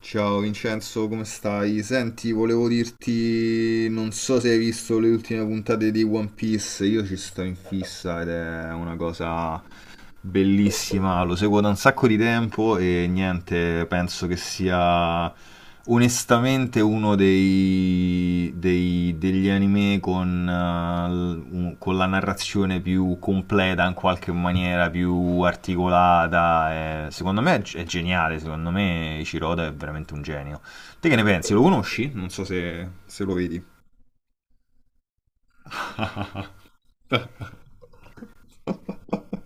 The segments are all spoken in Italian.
Ciao Vincenzo, come stai? Senti, volevo dirti, non so se hai visto le ultime puntate di One Piece, io ci sto in fissa ed è una cosa bellissima, lo seguo da un sacco di tempo e niente, penso che sia onestamente uno degli anime con la narrazione più completa in qualche maniera, più articolata. Secondo me è geniale, secondo me Ichiroda è veramente un genio. Te che ne pensi? Lo conosci? Non so se lo vedi.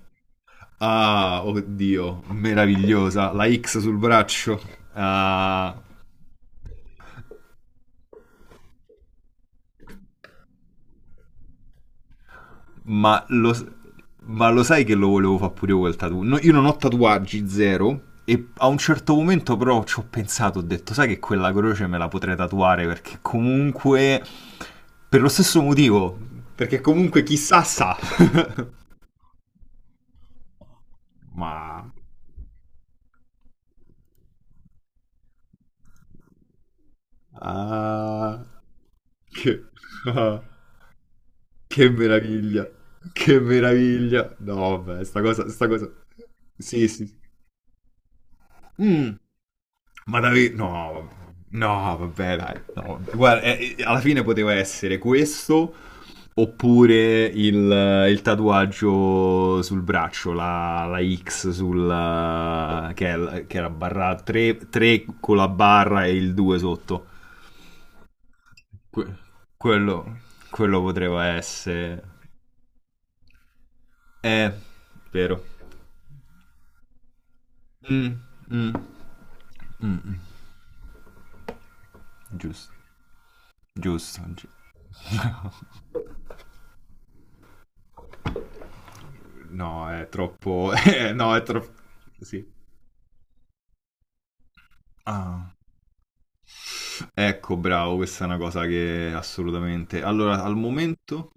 Ah, oddio, meravigliosa, la X sul braccio. Ah, ma, lo, ma lo sai che lo volevo fare pure io quel tatuaggio? No, io non ho tatuaggi, zero. E a un certo momento però ci ho pensato, ho detto, sai che quella croce me la potrei tatuare perché comunque... Per lo stesso motivo, perché comunque chissà sa. ma... ah, che... ah. Che meraviglia, che meraviglia. No, vabbè, sta cosa, sta cosa. Sì, sì, sì. Mm, ma davvero, no, vabbè. No, vabbè, dai, no, vabbè. Guarda, alla fine poteva essere questo oppure il tatuaggio sul braccio, la X sul, che era barra 3, 3 con la barra e il 2 sotto. Que- Quello, quello poteva essere... Eh, vero. Mm, mm. Mm, Giusto, giusto. No, è troppo... no, è troppo... Sì. Ah, ecco, bravo, questa è una cosa che assolutamente... Allora, al momento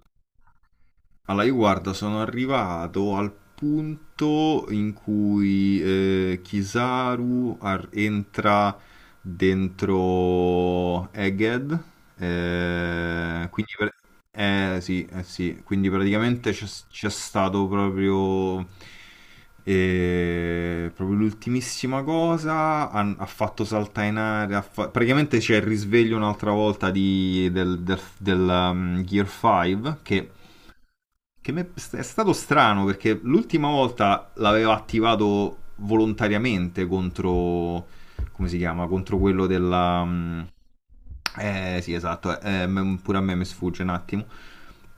Allora, io guarda, sono arrivato al punto in cui Kizaru entra dentro Egghead, eh, quindi, per- sì, sì, quindi praticamente c'è stato proprio, proprio l'ultimissima cosa, ha fatto saltare in aria, praticamente c'è il risveglio un'altra volta del Gear 5 che... Che è stato strano perché l'ultima volta l'avevo attivato volontariamente contro... come si chiama? Contro quello della... mm, Eh sì, esatto, pure a me mi sfugge un attimo.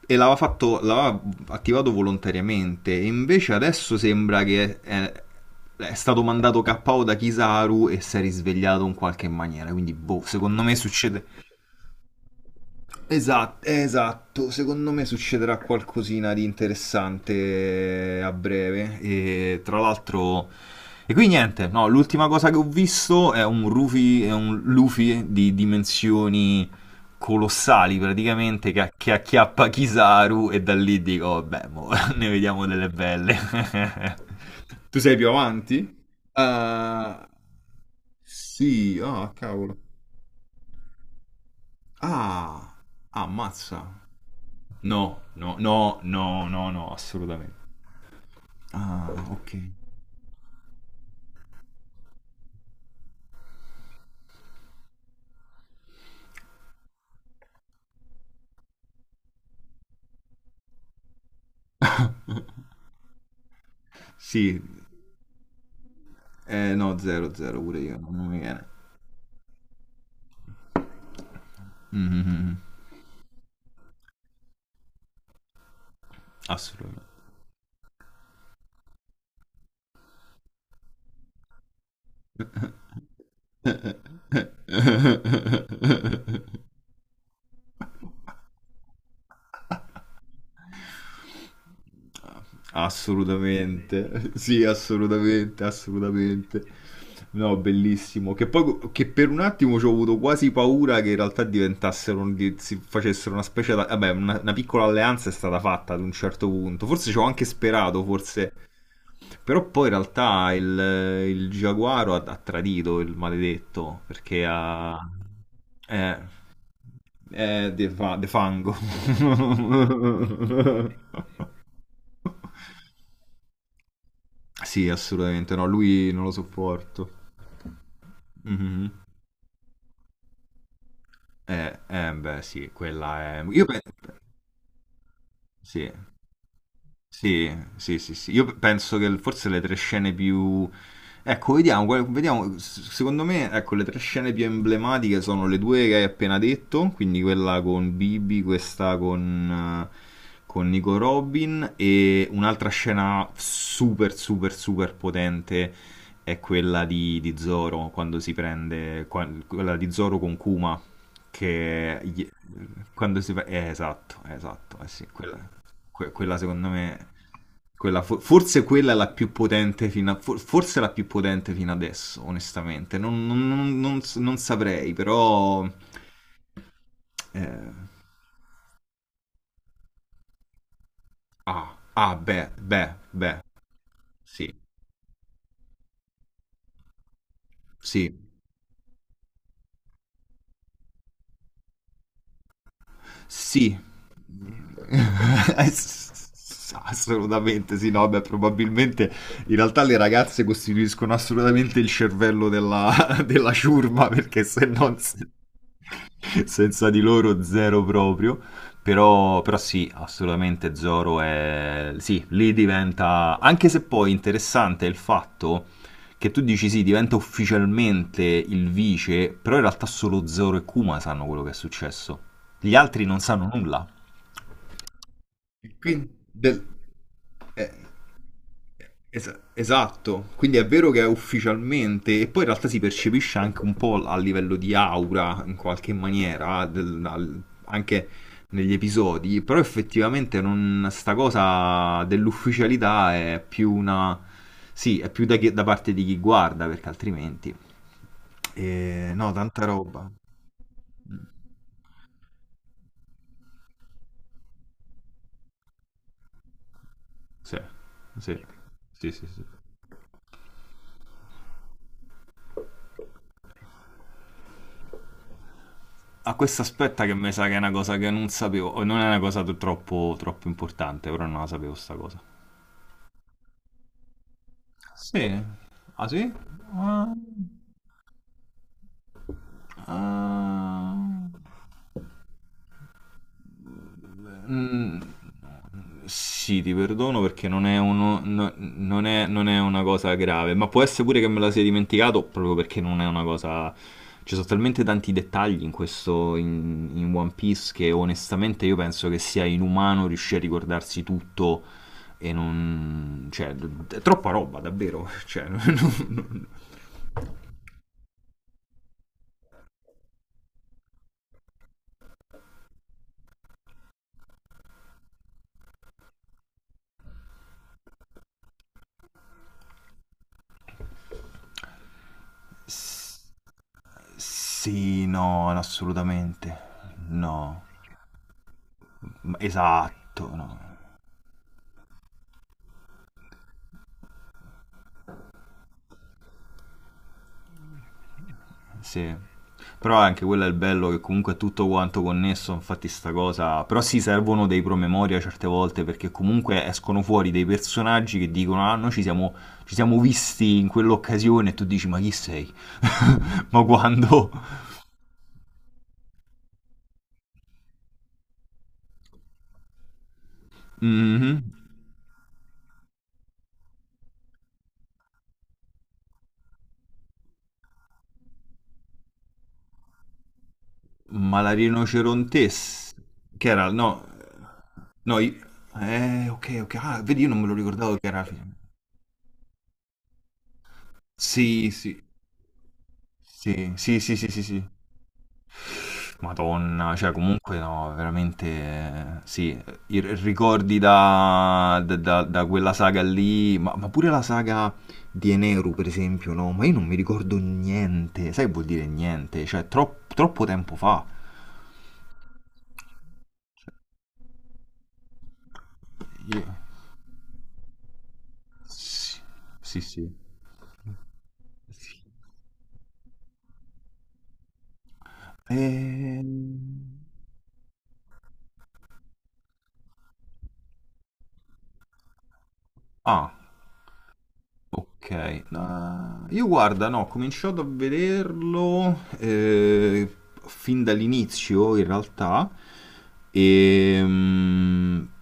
E l'aveva attivato volontariamente. E invece adesso sembra che è stato mandato KO da Kizaru e si è risvegliato in qualche maniera. Quindi, boh, secondo me succede. Esatto, esatto, secondo me succederà qualcosina di interessante a breve e tra l'altro... E qui niente, no, l'ultima cosa che ho visto è un Rufy, è un Luffy di dimensioni colossali praticamente che acchiappa Kizaru e da lì dico, vabbè, mo, ne vediamo delle belle. Tu sei più avanti? Ah, sì, ah, cavolo. Ah, ammazza. No, no, no, no, no, no, assolutamente. Ah, ok. sì, no, 0, 0 pure io, non mi viene. Mhm, mhm, mhm, assolutamente. Assolutamente, sì, assolutamente, assolutamente. No, bellissimo. Che poi che per un attimo ci ho avuto quasi paura che in realtà diventassero, si facessero una specie, vabbè, una piccola alleanza è stata fatta ad un certo punto. Forse ci ho anche sperato, forse. Però poi in realtà il Giaguaro ha tradito il maledetto, perché ha... eh. De fango. Sì, assolutamente no, lui non lo sopporto. Mhm. Beh, sì, quella è... Io penso... Sì. Sì, sì, sì, sì. Io penso che forse le tre scene più... Ecco, vediamo, vediamo. Secondo me, ecco, le tre scene più emblematiche sono le due che hai appena detto, quindi quella con Bibi, questa con Nico Robin e un'altra scena super, super, super potente è quella di Zoro, quando si prende... quella di Zoro con Kuma, che... gli- Quando si... fa- esatto, esatto, eh sì, quella... Quella secondo me, forse quella è la più potente forse la più potente fino adesso, onestamente. Non saprei, però... eh, ah, ah, beh, beh, beh, sì, sì, sì. Ass- Assolutamente sì, no, beh, probabilmente in realtà le ragazze costituiscono assolutamente il cervello della, della ciurma perché se non, se senza di loro zero proprio. Però sì, assolutamente Zoro è... Sì, lì diventa... Anche se poi interessante è il fatto che tu dici sì, diventa ufficialmente il vice, però in realtà solo Zoro e Kuma sanno quello che è successo. Gli altri non sanno nulla. Quindi, del- eh, esatto, quindi è vero che è ufficialmente, e poi in realtà si percepisce anche un po' a livello di aura, in qualche maniera, anche negli episodi, però effettivamente non, sta cosa dell'ufficialità è più una... Sì, è più da parte di chi guarda, perché altrimenti... no, tanta roba. Mm. Sì, sì, sì, sì, sì. A questo aspetta che mi sa che è una cosa che non sapevo, o non è una cosa troppo, troppo importante, però non la sapevo sta cosa. Sì. Ah sì? Ah, ah. Mm, Sì, ti perdono perché non è, uno, non è, una cosa grave, ma può essere pure che me la sia dimenticato proprio perché non è una cosa... Ci sono talmente tanti dettagli in questo, in, in One Piece che onestamente io penso che sia inumano riuscire a ricordarsi tutto. E non... cioè, è troppa roba, davvero. Cioè, non- non- non- S- sì, no, assolutamente. No. Esatto, no. Sì. Però anche quello è il bello che comunque è tutto quanto connesso, infatti sta cosa... Però sì, servono dei promemoria certe volte perché comunque escono fuori dei personaggi che dicono ah, noi ci siamo visti in quell'occasione e tu dici ma chi sei? Ma quando? Mhm. Ma la rinocerontessa, che era, no, no, i- ok, ok, ah, vedi, io non me lo ricordavo che era film. Sì, sì, sì, sì, sì, sì, sì, sì. Madonna, cioè comunque no, veramente, sì, ricordi da quella saga lì, ma pure la saga di Eneru, per esempio, no, ma io non mi ricordo niente, sai che vuol dire niente? Cioè, troppo tempo fa. Cioè, io... Sì, sì, sì. Ehm, Ah, ok. Ah, io guarda, no, ho cominciato a vederlo fin dall'inizio, in realtà. E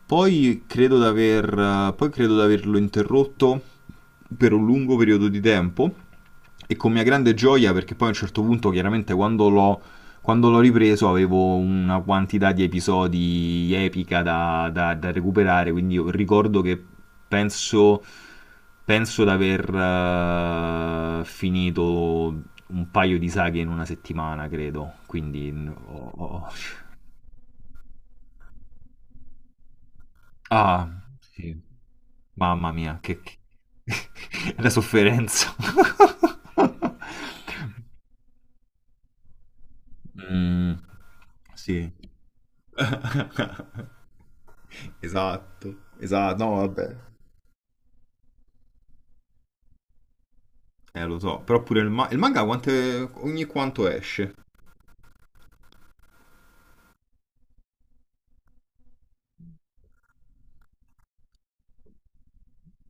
poi credo di averlo interrotto per un lungo periodo di tempo. E con mia grande gioia, perché poi a un certo punto, chiaramente, quando l'ho ripreso avevo una quantità di episodi epica da recuperare, quindi io ricordo che penso, penso di aver finito un paio di saghe in una settimana, credo. Quindi... n- ho- ho- Ah, sì. Mamma mia, che- la sofferenza. Mm, sì. Esatto, esatto, no, vabbè. Lo so, però pure il manga ogni quanto esce.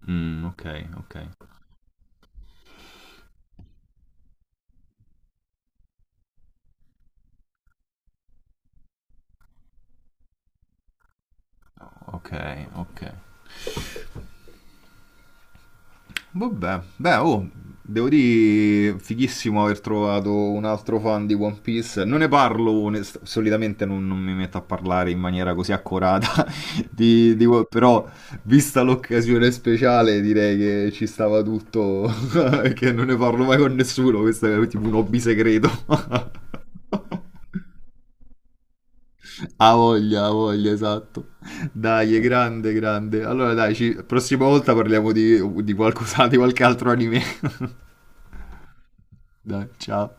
Mm, ok, ok. Ok, ok. Vabbè, beh, oh, devo dire, fighissimo aver trovato un altro fan di One Piece. Non ne parlo, solitamente non mi metto a parlare in maniera così accurata, però vista l'occasione speciale direi che ci stava tutto, che non ne parlo mai con nessuno, questo è tipo un hobby segreto. Ha voglia, esatto. Dai, è grande, grande. Allora, dai, ci... prossima volta parliamo di qualcosa, di qualche altro anime. Dai, ciao.